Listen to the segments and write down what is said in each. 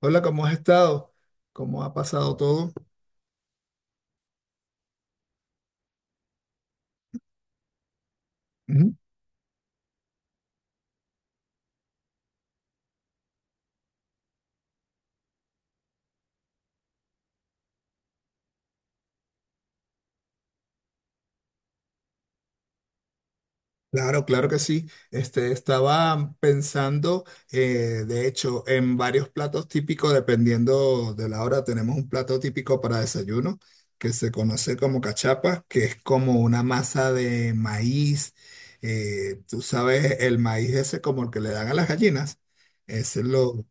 Hola, ¿cómo has estado? ¿Cómo ha pasado todo? Ujú. Claro, claro que sí. Estaba pensando, de hecho, en varios platos típicos, dependiendo de la hora. Tenemos un plato típico para desayuno que se conoce como cachapa, que es como una masa de maíz. Tú sabes, el maíz ese como el que le dan a las gallinas. Ese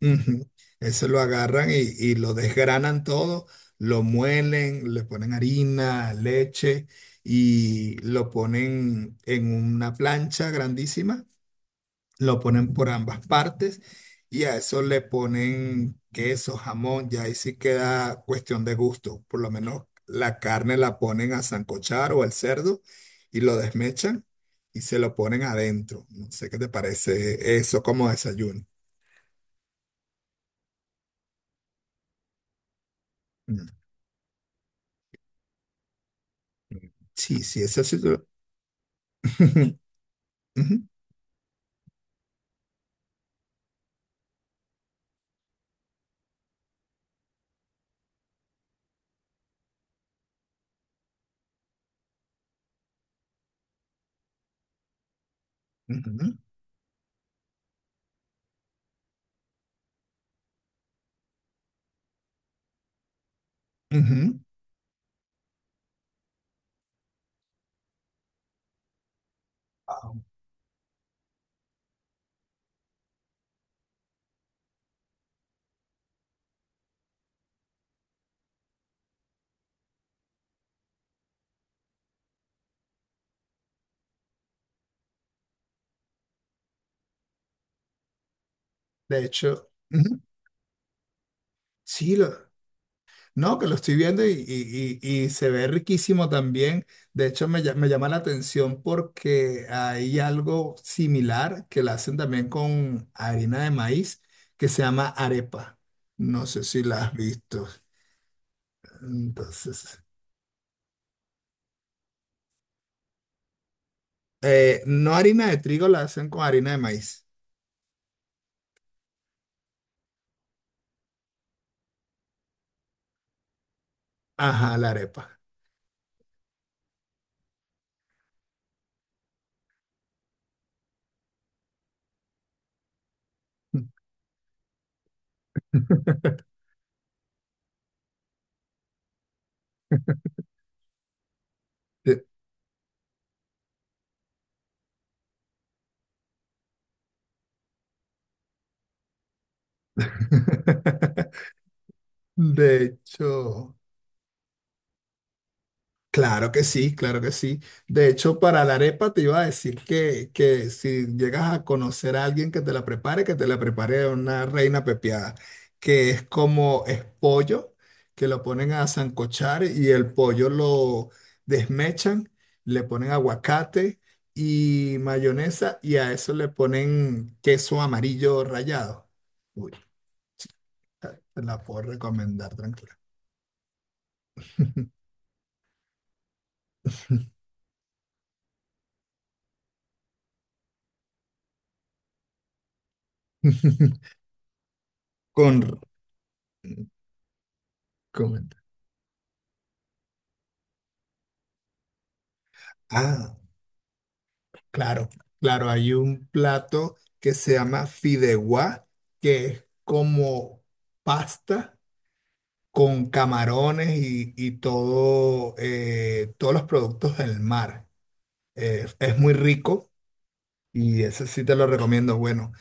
ujú. Ese lo agarran y lo desgranan todo, lo muelen, le ponen harina, leche y lo ponen en una plancha grandísima, lo ponen por ambas partes y a eso le ponen queso, jamón, ya ahí sí queda cuestión de gusto. Por lo menos la carne la ponen a sancochar o al cerdo y lo desmechan y se lo ponen adentro. No sé qué te parece eso como desayuno. Mm. Sí, sí, eso sí. Ujú, ujú, ujú, ujú. Ah, de hecho, ujú. Sí, lo, no, que lo estoy viendo y y se ve riquísimo también. De hecho, me llama la atención porque hay algo similar que la hacen también con harina de maíz que se llama arepa. No sé si la has visto. Entonces, no harina de trigo, la hacen con harina de maíz. Ajá, la arepa. De de hecho. Claro que sí, claro que sí. De hecho, para la arepa te iba a decir que si llegas a conocer a alguien que te la prepare, que te la prepare una reina pepiada, que es como es pollo, que lo ponen a sancochar y el pollo lo desmechan, le ponen aguacate y mayonesa y a eso le ponen queso amarillo rallado. Uy, te la puedo recomendar, tranquila. Con, con ah, claro, claro, hay un plato que se llama fideuá, que es como pasta con camarones y todo, todos los productos del mar. Es muy rico y ese sí te lo recomiendo. Bueno,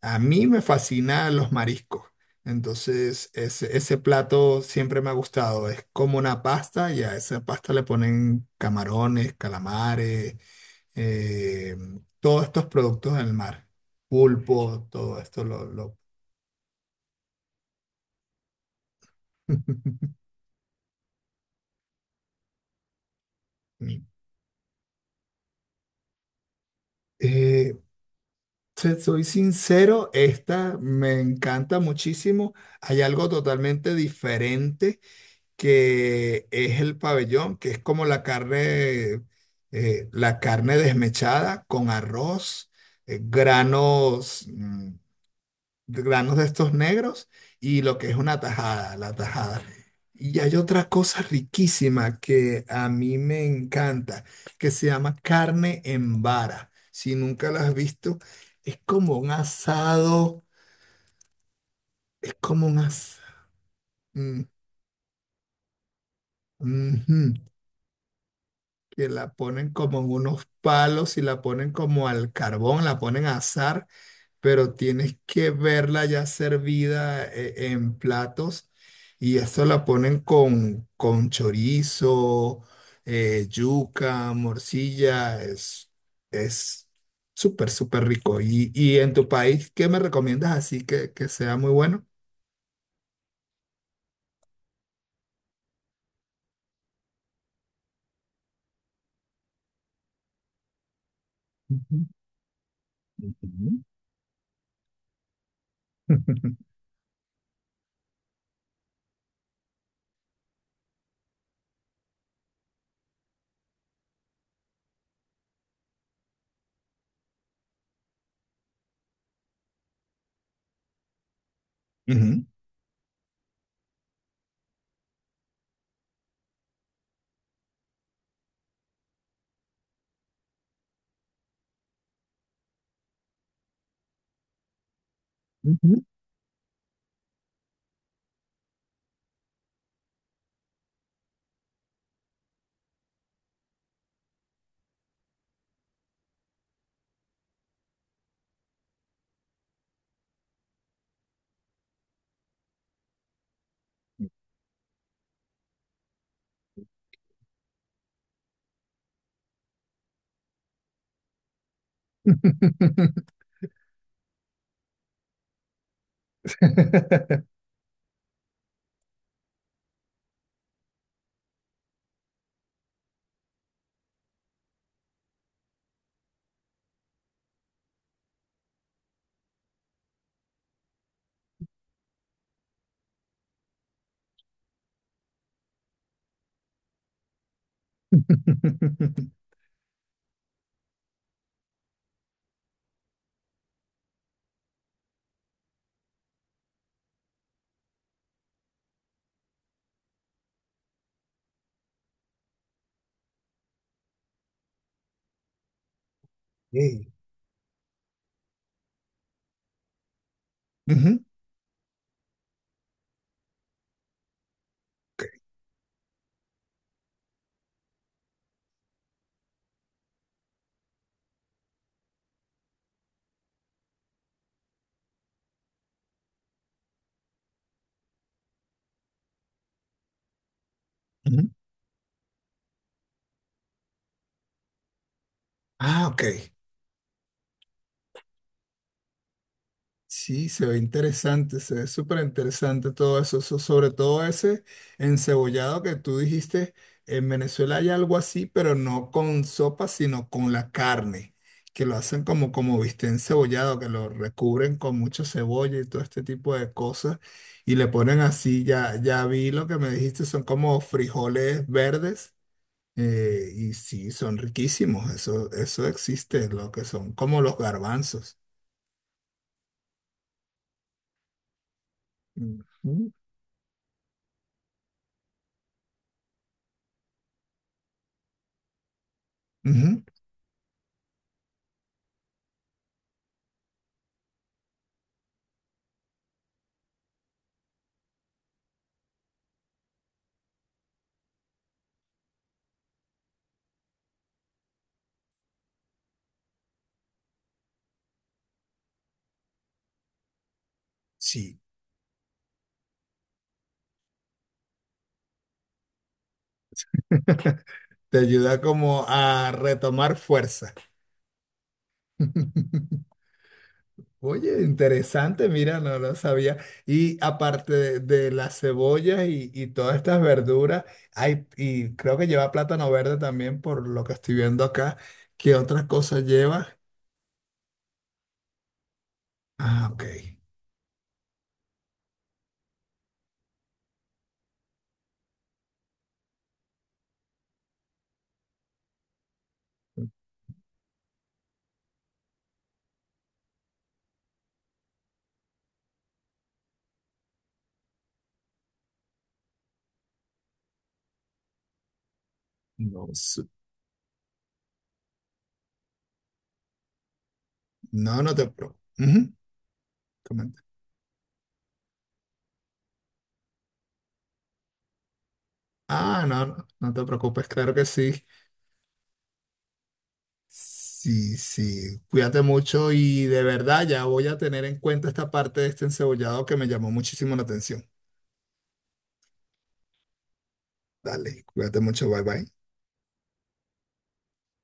a mí me fascinan los mariscos, entonces ese plato siempre me ha gustado. Es como una pasta y a esa pasta le ponen camarones, calamares, eh, todos estos productos del mar, pulpo, todo esto Eh, te soy sincero, esta me encanta muchísimo. Hay algo totalmente diferente que es el pabellón, que es como la carne desmechada con arroz, granos. Granos de estos negros y lo que es una tajada, la tajada. Y hay otra cosa riquísima que a mí me encanta, que se llama carne en vara. Si nunca la has visto, es como un asado, es como un asado, que la ponen como en unos palos y la ponen como al carbón, la ponen a asar, pero tienes que verla ya servida, en platos, y eso la ponen con chorizo, yuca, morcilla, es súper, súper rico. Y en tu país, ¿qué me recomiendas así que sea muy bueno? Ujú, ujú. Ujú, ujú. Sí. Ujú, ok, ujú. Ah, ok. Sí, se ve interesante, se ve súper interesante todo eso, sobre todo ese encebollado que tú dijiste. En Venezuela hay algo así, pero no con sopa, sino con la carne, que lo hacen como, como viste encebollado, que lo recubren con mucho cebolla y todo este tipo de cosas, y le ponen así, ya, ya vi lo que me dijiste, son como frijoles verdes. Y sí, son riquísimos, eso existe, lo que son como los garbanzos. Ujú. Ujú. Sí, te ayuda como a retomar fuerza. Oye, interesante, mira, no lo sabía. Y aparte de las cebollas y todas estas verduras, hay, y creo que lleva plátano verde también, por lo que estoy viendo acá. ¿Qué otras cosas lleva? Ah, ok. No, sé. No, no te preocupes. Comenta. Ah, no, no, no te preocupes, claro que sí. Sí, sí, cuídate mucho y de verdad ya voy a tener en cuenta esta parte de este encebollado que me llamó muchísimo la atención. Dale, cuídate mucho, bye bye.